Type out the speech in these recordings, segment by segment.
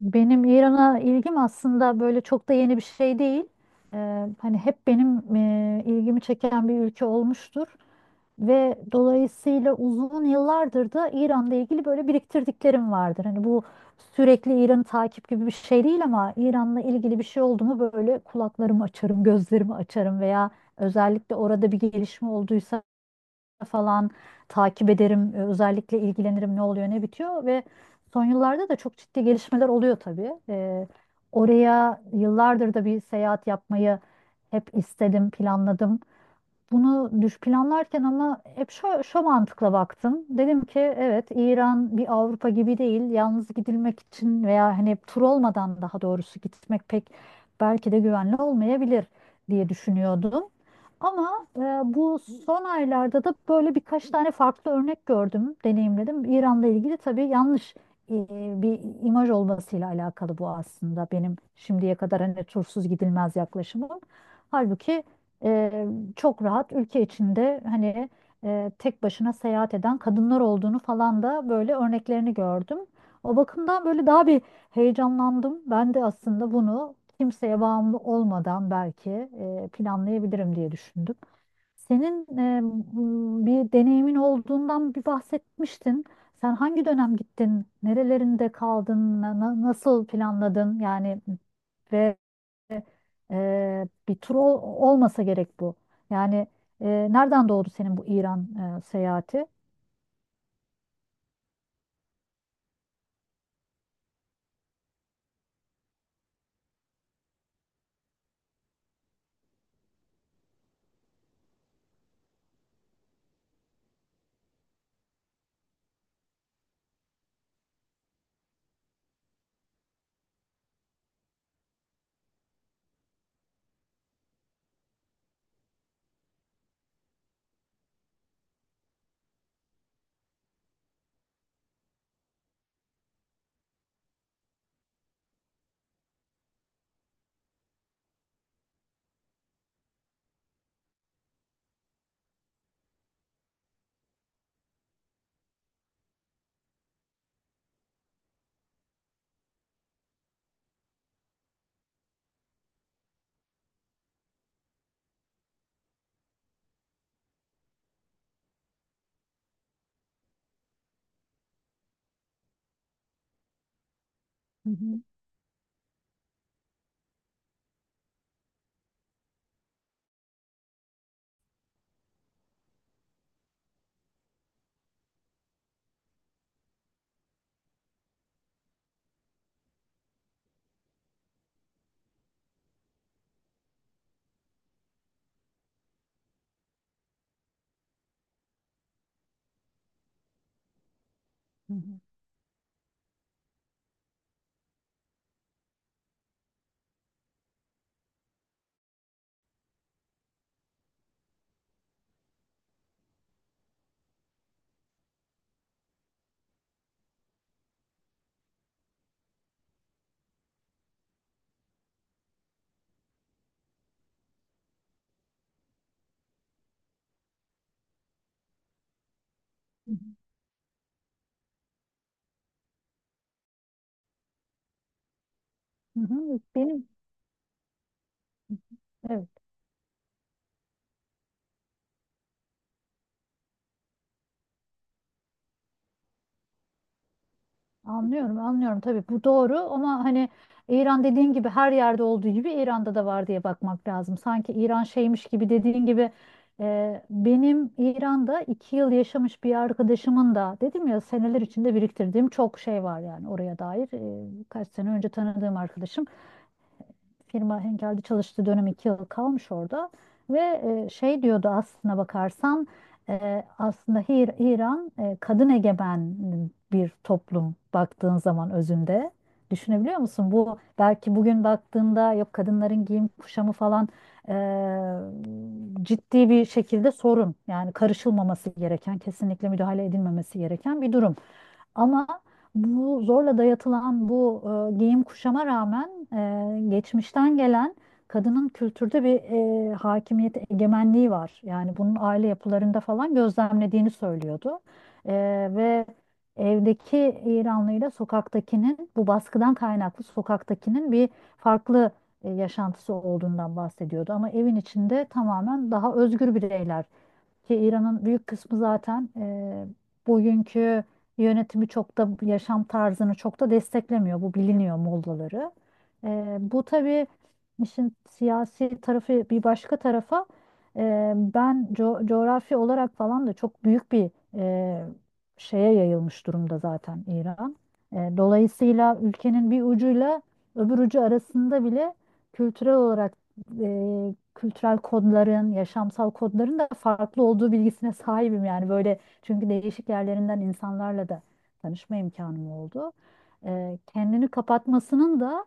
Benim İran'a ilgim aslında böyle çok da yeni bir şey değil. Hani hep benim ilgimi çeken bir ülke olmuştur ve dolayısıyla uzun yıllardır da İran'la ilgili böyle biriktirdiklerim vardır. Hani bu sürekli İran'ı takip gibi bir şey değil ama İran'la ilgili bir şey oldu mu böyle kulaklarımı açarım, gözlerimi açarım veya özellikle orada bir gelişme olduysa falan takip ederim. Özellikle ilgilenirim ne oluyor ne bitiyor ve son yıllarda da çok ciddi gelişmeler oluyor tabii. Oraya yıllardır da bir seyahat yapmayı hep istedim, planladım. Bunu düş planlarken ama hep şu mantıkla baktım. Dedim ki evet, İran bir Avrupa gibi değil. Yalnız gidilmek için veya hani tur olmadan daha doğrusu gitmek pek belki de güvenli olmayabilir diye düşünüyordum. Ama bu son aylarda da böyle birkaç tane farklı örnek gördüm, deneyimledim. İran'la ilgili tabii yanlış e, bir imaj olmasıyla alakalı bu, aslında benim şimdiye kadar hani tursuz gidilmez yaklaşımım. Halbuki e, çok rahat ülke içinde hani tek başına seyahat eden kadınlar olduğunu falan da böyle örneklerini gördüm. O bakımdan böyle daha bir heyecanlandım. Ben de aslında bunu kimseye bağımlı olmadan belki planlayabilirim diye düşündüm. Senin bir deneyimin olduğundan bir bahsetmiştin. Sen hangi dönem gittin? Nerelerinde kaldın? Nasıl planladın? Yani ve bir tur olmasa gerek bu. Yani e, nereden doğdu senin bu İran seyahati? Hı hı, hı hı, hı hı, hı hı. Benim, evet. Anlıyorum, anlıyorum, tabii bu doğru ama hani İran dediğin gibi her yerde olduğu gibi İran'da da var diye bakmak lazım. Sanki İran şeymiş gibi dediğin gibi benim İran'da 2 yıl yaşamış bir arkadaşımın da, dedim ya seneler içinde biriktirdiğim çok şey var yani oraya dair. E, kaç sene önce tanıdığım arkadaşım firma Henkel'de çalıştığı dönem 2 yıl kalmış orada ve şey diyordu, aslına bakarsan aslında İran kadın egemen bir toplum baktığın zaman özünde. Düşünebiliyor musun? Bu belki bugün baktığında yok, kadınların giyim kuşamı falan e, ciddi bir şekilde sorun. Yani karışılmaması gereken, kesinlikle müdahale edilmemesi gereken bir durum. Ama bu zorla dayatılan bu giyim kuşama rağmen geçmişten gelen kadının kültürde bir hakimiyet egemenliği var. Yani bunun aile yapılarında falan gözlemlediğini söylüyordu. E, ve evdeki İranlıyla sokaktakinin, bu baskıdan kaynaklı sokaktakinin bir farklı yaşantısı olduğundan bahsediyordu. Ama evin içinde tamamen daha özgür bireyler, ki İran'ın büyük kısmı zaten bugünkü yönetimi, çok da yaşam tarzını çok da desteklemiyor. Bu biliniyor, Mollaları. Bu tabii işin siyasi tarafı bir başka tarafa, ben coğrafi olarak falan da çok büyük bir şeye yayılmış durumda zaten İran. Dolayısıyla ülkenin bir ucuyla öbür ucu arasında bile kültürel olarak kültürel kodların, yaşamsal kodların da farklı olduğu bilgisine sahibim, yani böyle, çünkü değişik yerlerinden insanlarla da tanışma imkanım oldu. Kendini kapatmasının da,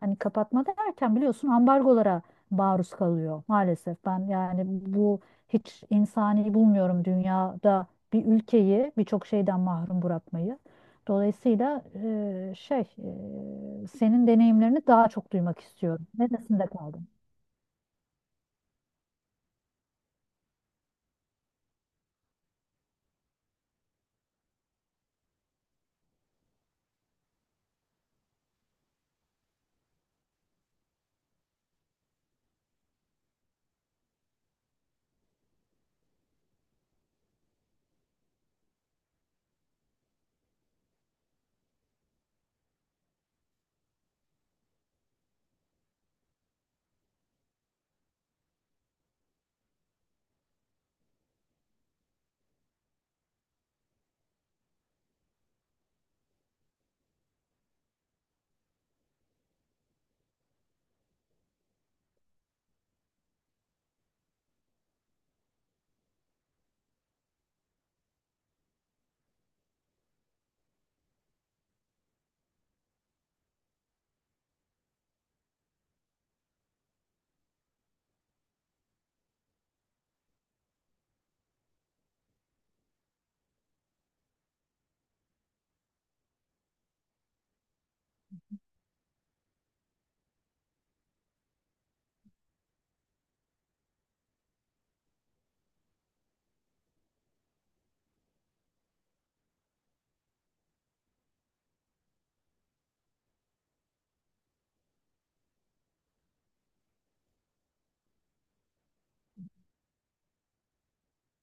hani kapatma derken biliyorsun, ambargolara maruz kalıyor maalesef. Ben yani bu hiç insani bulmuyorum, dünyada bir ülkeyi birçok şeyden mahrum bırakmayı. Dolayısıyla şey, senin deneyimlerini daha çok duymak istiyorum. Neresinde kaldın?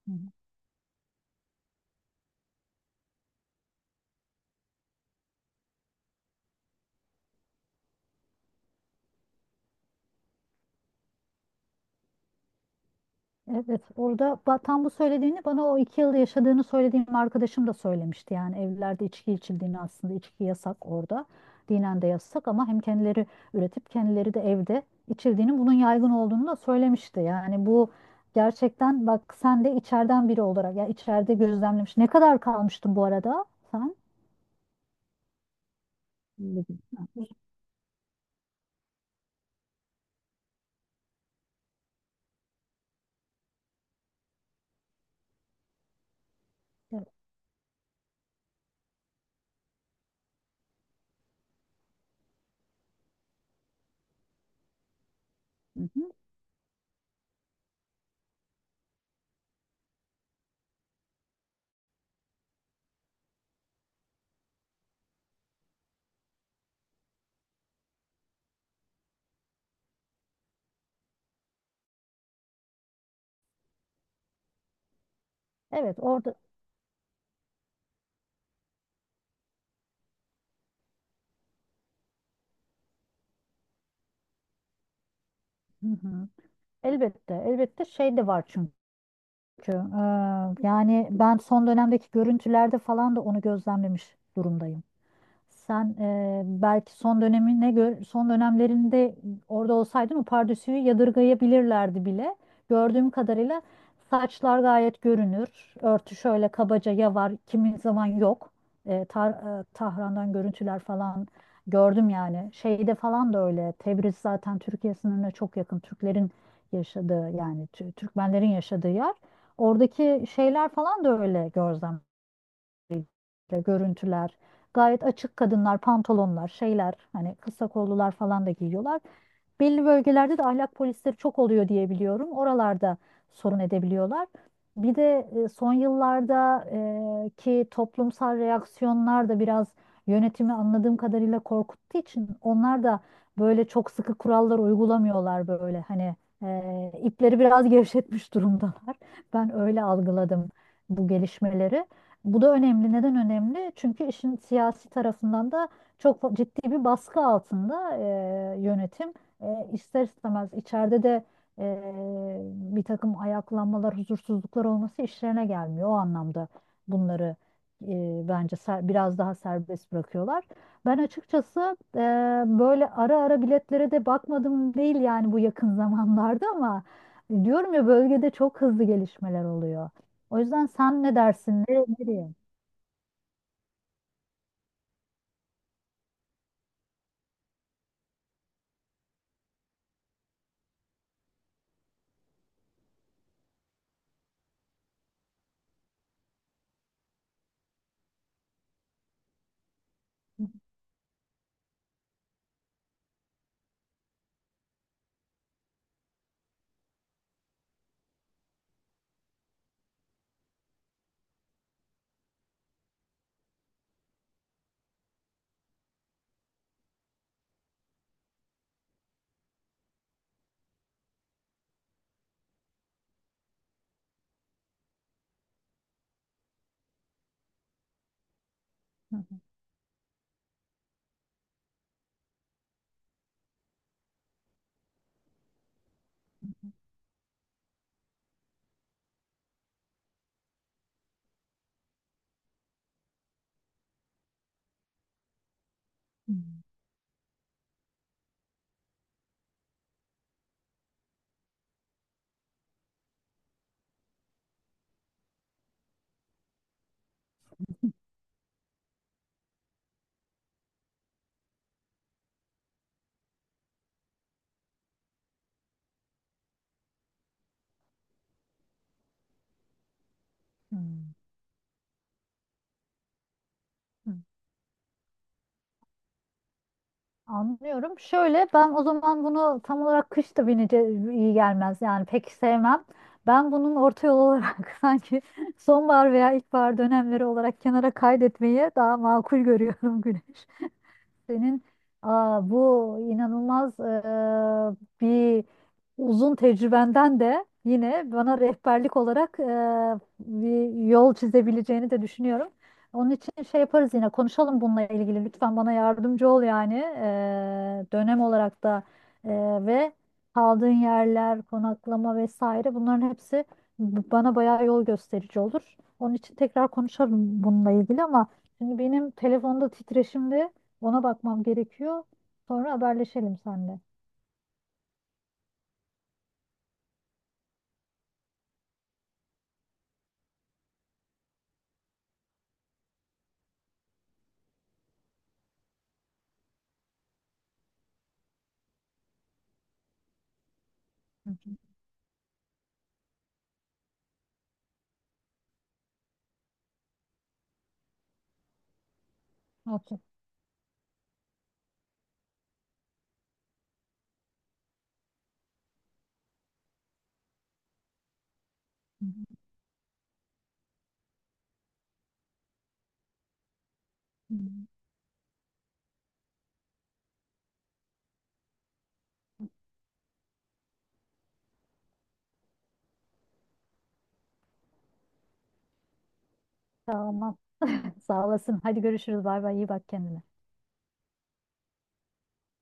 Hı. Evet, orada tam bu söylediğini bana, o iki yıl yaşadığını söylediğim arkadaşım da söylemişti. Yani evlerde içki içildiğini, aslında içki yasak orada. Dinen de yasak ama hem kendileri üretip kendileri de evde içildiğini, bunun yaygın olduğunu da söylemişti. Yani bu gerçekten, bak sen de içeriden biri olarak, ya içeride gözlemlemiş. Ne kadar kalmıştın bu arada sen? Öyle ha, evet, hı hı. Evet, orada, hı hı. Elbette, elbette, şey de var çünkü. Çünkü yani ben son dönemdeki görüntülerde falan da onu gözlemlemiş durumdayım. Sen belki son dönemine göre son dönemlerinde orada olsaydın, o pardösüyü yadırgayabilirlerdi bile. Gördüğüm kadarıyla saçlar gayet görünür. Örtü şöyle kabaca ya var, kimi zaman yok. Tahran'dan görüntüler falan gördüm yani. Şeyde falan da öyle. Tebriz zaten Türkiye sınırına çok yakın. Türklerin yaşadığı, yani Türkmenlerin yaşadığı yer. Oradaki şeyler falan da öyle görüntüler. Gayet açık kadınlar, pantolonlar, şeyler, hani kısa kollular falan da giyiyorlar. Belli bölgelerde de ahlak polisleri çok oluyor diye biliyorum. Oralarda sorun edebiliyorlar. Bir de son yıllarda ki toplumsal reaksiyonlar da biraz yönetimi anladığım kadarıyla korkuttuğu için, onlar da böyle çok sıkı kurallar uygulamıyorlar, böyle hani ipleri biraz gevşetmiş durumdalar. Ben öyle algıladım bu gelişmeleri. Bu da önemli. Neden önemli? Çünkü işin siyasi tarafından da çok ciddi bir baskı altında yönetim. E, ister istemez içeride de e, bir takım ayaklanmalar, huzursuzluklar olması işlerine gelmiyor. O anlamda bunları bence biraz daha serbest bırakıyorlar. Ben açıkçası böyle ara ara biletlere de bakmadım değil yani, bu yakın zamanlarda, ama diyorum ya, bölgede çok hızlı gelişmeler oluyor. O yüzden sen ne dersin? Ne, nereye? Hmm, hmm, hmm. Anlıyorum. Şöyle, ben o zaman bunu tam olarak kış da binece iyi gelmez. Yani pek sevmem. Ben bunun orta yol olarak sanki sonbahar veya ilkbahar dönemleri olarak kenara kaydetmeyi daha makul görüyorum, Güneş. Senin bu inanılmaz bir uzun tecrübenden de yine bana rehberlik olarak bir yol çizebileceğini de düşünüyorum. Onun için şey yaparız, yine konuşalım bununla ilgili. Lütfen bana yardımcı ol yani. Dönem olarak da ve kaldığın yerler, konaklama vesaire, bunların hepsi bana bayağı yol gösterici olur. Onun için tekrar konuşalım bununla ilgili, ama şimdi benim telefonda titreşimde, ona bakmam gerekiyor. Sonra haberleşelim seninle. Hı hı. Okey. Hı hı. Hı hı. Tamam. Sağ olasın. Hadi görüşürüz. Bay bay. İyi bak kendine.